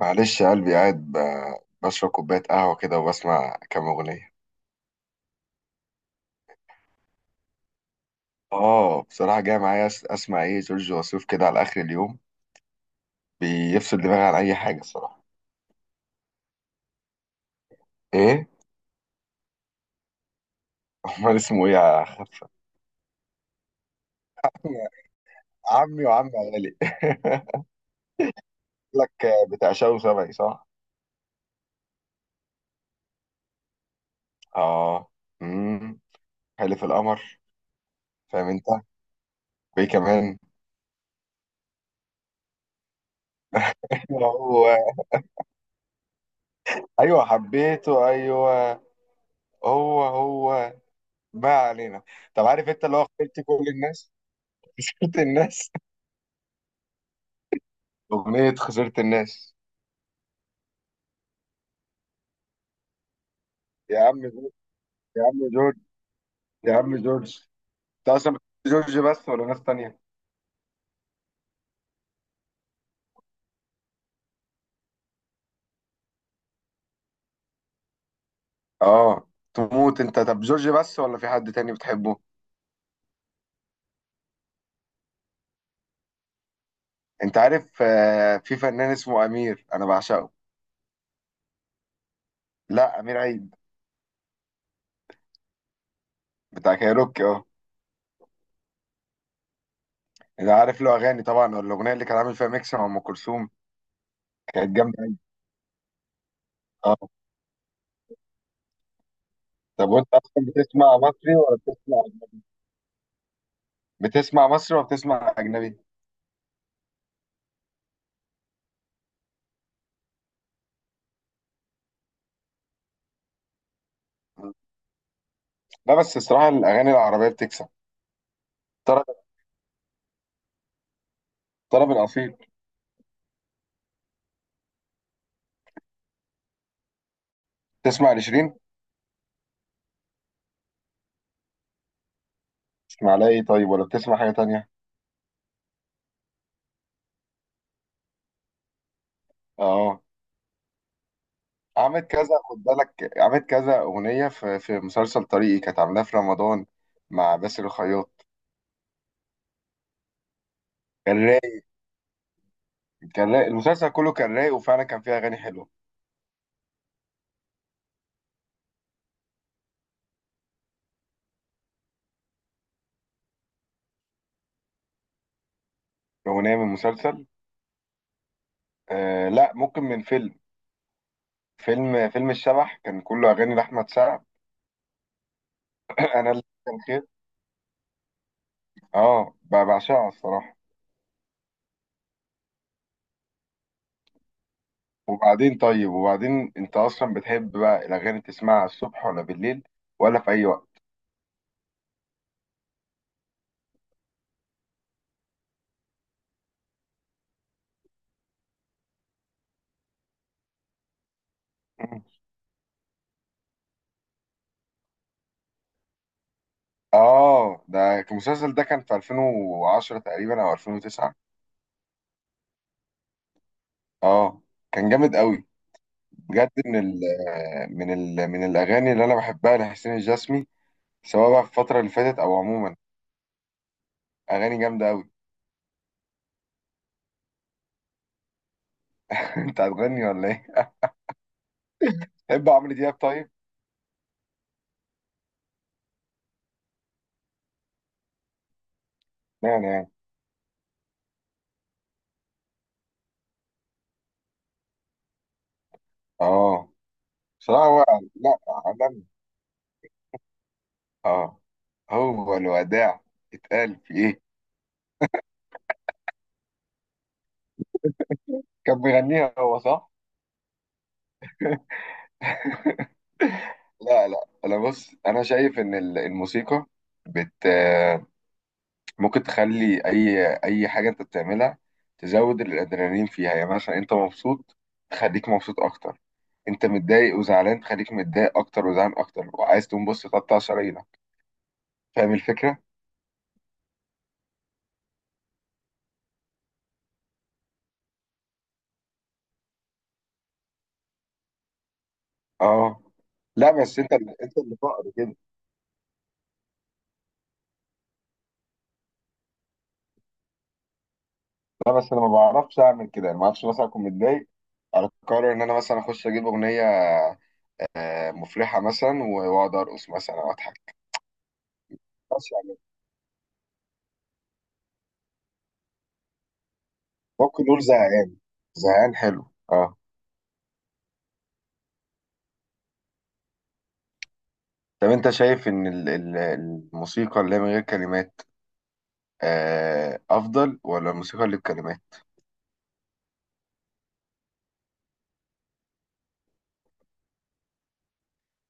معلش يا قلبي قاعد بشرب كوباية قهوة كده وبسمع كام أغنية. آه، بصراحة جاي معايا أسمع إيه جورج وسوف كده على آخر اليوم، بيفصل دماغي عن أي حاجة الصراحة. إيه؟ أمال اسمه إيه يا أخ؟ عمي وعم غالي لك، بتاع شاو سبعي صح؟ آه. امم حلف القمر. فاهم أنت؟ وإيه كمان؟ هو. أيوه حبيته أيوه، هو هو، ما علينا. طب عارف أنت اللي هو خسرت كل الناس خسرت الناس، أغنية خسرت الناس. يا عم جورج، يا عم جورج، يا عم جورج. أنت أصلا بتحب جورج بس ولا ناس تانية؟ آه، تموت أنت. طب جورج بس ولا في حد تاني بتحبه؟ أنت عارف في فنان اسمه أمير أنا بعشقه. لا، أمير عيد بتاع كايروكي، أه. أنا عارف له أغاني طبعا، والأغنية اللي كان عامل فيها ميكس مع أم كلثوم كانت جامدة أوي. أه. طب وأنت أصلا بتسمع مصري ولا بتسمع، بتسمع مصري ولا بتسمع أجنبي؟ لا بس الصراحة الأغاني العربية بتكسب، طرب، طرب الأصيل. تسمع لشيرين؟ تسمع لها ايه طيب ولا بتسمع حاجة تانية؟ اه. عملت كذا، خد بالك، عملت كذا أغنية في مسلسل طريقي كانت عاملاها في رمضان مع باسل الخياط. كان رايق، كان رايق المسلسل كله، كان رايق وفعلا كان فيه أغاني حلوة. أغنية من مسلسل، آه، لا ممكن من فيلم. فيلم الشبح كان كله أغاني لأحمد سعد. أنا اللي كان خير، اه، بعشقها الصراحة. وبعدين، طيب وبعدين، أنت أصلا بتحب بقى الأغاني تسمعها الصبح ولا بالليل ولا في أي وقت؟ اه ده كان- المسلسل ده كان في 2010 تقريبا او 2009. اه كان جامد قوي بجد. من ال من من الاغاني اللي انا بحبها لحسين الجسمي، سواء بقى في الفتره اللي فاتت او عموما، اغاني جامده قوي. انت هتغني ولا ايه؟ تحب عمرو دياب طيب. يعني يعني. اه، بصراحه هو. لا، عالمي. اه، هو الوداع اتقال في ايه؟ كان بيغنيها هو صح؟ لا لا، انا بص انا شايف ان الموسيقى بت ممكن تخلي اي حاجه انت بتعملها تزود الادرينالين فيها. يعني مثلا انت مبسوط، تخليك مبسوط اكتر. انت متضايق وزعلان، تخليك متضايق اكتر وزعلان اكتر، وعايز تقوم بص تقطع شرايينك. فاهم الفكره. اه. لا بس انت اللي فقر كده. لا بس انا ما بعرفش اعمل كده. انا ما اعرفش مثلا اكون متضايق اقرر ان انا مثلا اخش اجيب اغنيه مفرحه مثلا، واقعد ارقص مثلا او اضحك. بس يعني، ممكن نقول زهقان، زهقان حلو، اه. طب انت شايف ان الموسيقى اللي هي من غير كلمات افضل ولا الموسيقى اللي بكلمات؟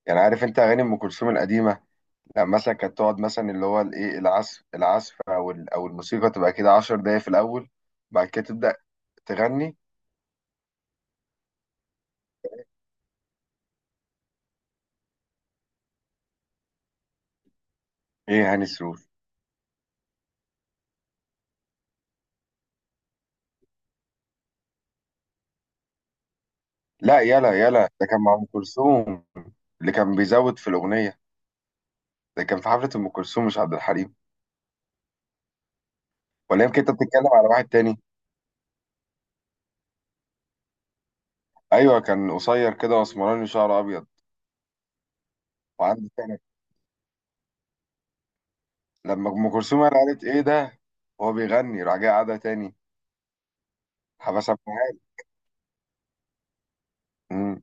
يعني عارف انت اغاني ام كلثوم القديمه، لا مثلا كانت تقعد، مثلا اللي هو الايه، العزف او الموسيقى تبقى كده 10 دقايق في الاول، بعد كده تبدا تغني. ايه هاني سرور. لا يلا يلا، ده كان مع ام كلثوم، اللي كان بيزود في الاغنيه. ده كان في حفله ام كلثوم مش عبد الحليم. ولا يمكن انت بتتكلم على واحد تاني؟ ايوه كان قصير كده واسمراني وشعره ابيض وعنده، لما ام كلثوم قالت ايه ده وهو بيغني راح جاي قعدها تاني، حبسها معاه. امم.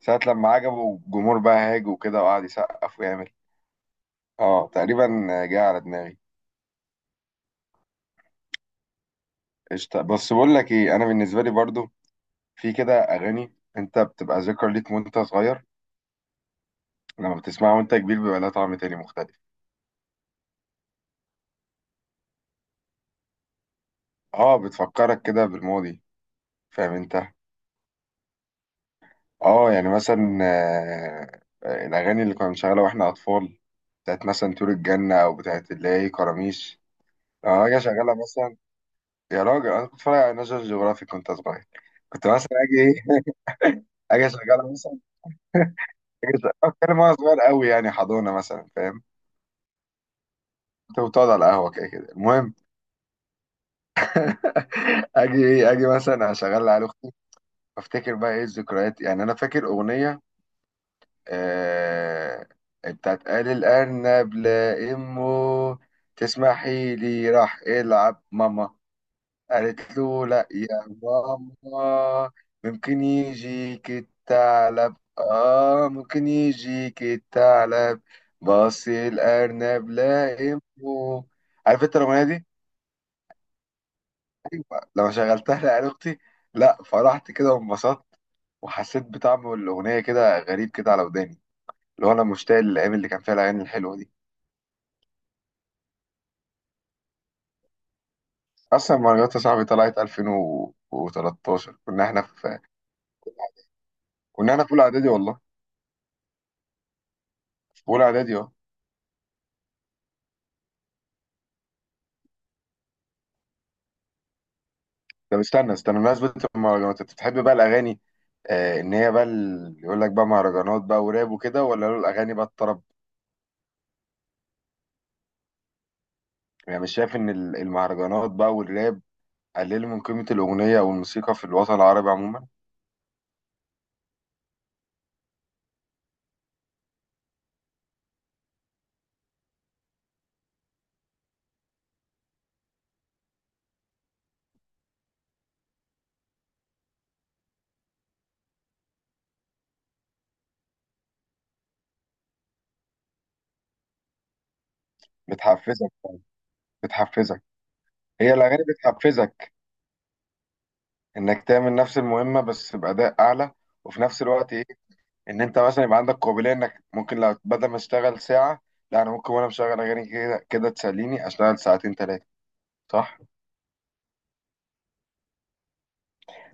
ساعة لما عجبه الجمهور بقى هاج وكده وقعد يسقف ويعمل. اه تقريبا، جه على دماغي. قشطة، بس بقول لك ايه، انا بالنسبة لي برضو في كده اغاني انت بتبقى ذكرى ليك وانت صغير، لما بتسمعها وانت كبير بيبقى لها طعم تاني مختلف. اه بتفكرك كده بالماضي. فاهم انت. اه، يعني مثلا الاغاني اللي كنا بنشغلها واحنا اطفال، بتاعت مثلا طيور الجنة او بتاعت اللي هي كراميش. اه اجي اشغلها مثلا. يا راجل انا كنت بتفرج على ناشونال جيوغرافيك كنت صغير. كنت مثلا اجي ايه اجي اشغلها مثلا. اجي أشغلها- اتكلم وانا صغير قوي، يعني حضانه مثلا، فاهم. كنت بتقعد على القهوه كده كده المهم اجي ايه، اجي مثلا اشغلها على اختي. افتكر بقى ايه الذكريات، يعني انا فاكر اغنيه آه بتاعت قال الارنب لا امه تسمحي لي راح العب ماما، قالت له لا يا ماما ممكن يجيك الثعلب، اه ممكن يجيك الثعلب، بص الارنب لائمه. عارف انت الاغنيه دي. لما شغلتها لعيال اختي، لا فرحت كده وانبسطت، وحسيت بطعم الاغنيه كده غريب كده على وداني. اللي هو انا مشتاق للايام اللي كان فيها الاغاني الحلوه دي. اصلا مهرجانات يا صاحبي طلعت 2013، كنا احنا في اولى اعدادي والله، في اولى اعدادي اه. طب استنى استنى، بمناسبة المهرجانات، انت بتحب بقى الأغاني، إن هي بقى يقول لك بقى مهرجانات بقى وراب وكده، ولا له الأغاني بقى الطرب؟ يعني مش شايف إن المهرجانات بقى والراب قللوا من قيمة الأغنية أو الموسيقى في الوطن العربي عموما؟ بتحفزك بتحفزك. هي الأغاني بتحفزك؟ إنك تعمل نفس المهمة بس بأداء أعلى، وفي نفس الوقت إيه، إن أنت مثلا يبقى عندك قابلية، إنك ممكن لو بدل ما أشتغل ساعة، لا أنا ممكن وأنا مشغل أغاني كده كده تسليني، أشتغل ساعتين تلاتة، صح؟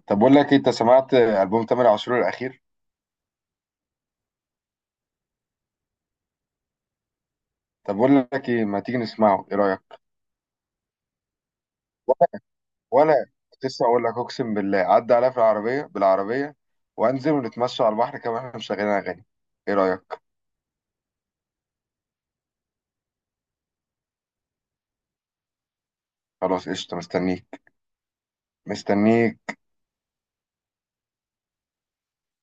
طب بقول لك إيه، انت سمعت ألبوم تامر عاشور الأخير؟ طب بقول لك ايه، ما تيجي نسمعه، ايه رأيك؟ ولا، كنت لسه اقول لك، اقسم بالله عدى عليا في العربية، بالعربية وانزل ونتمشى على البحر، كمان احنا مشغلين اغاني، ايه رأيك؟ خلاص قشطة، مستنيك، مستنيك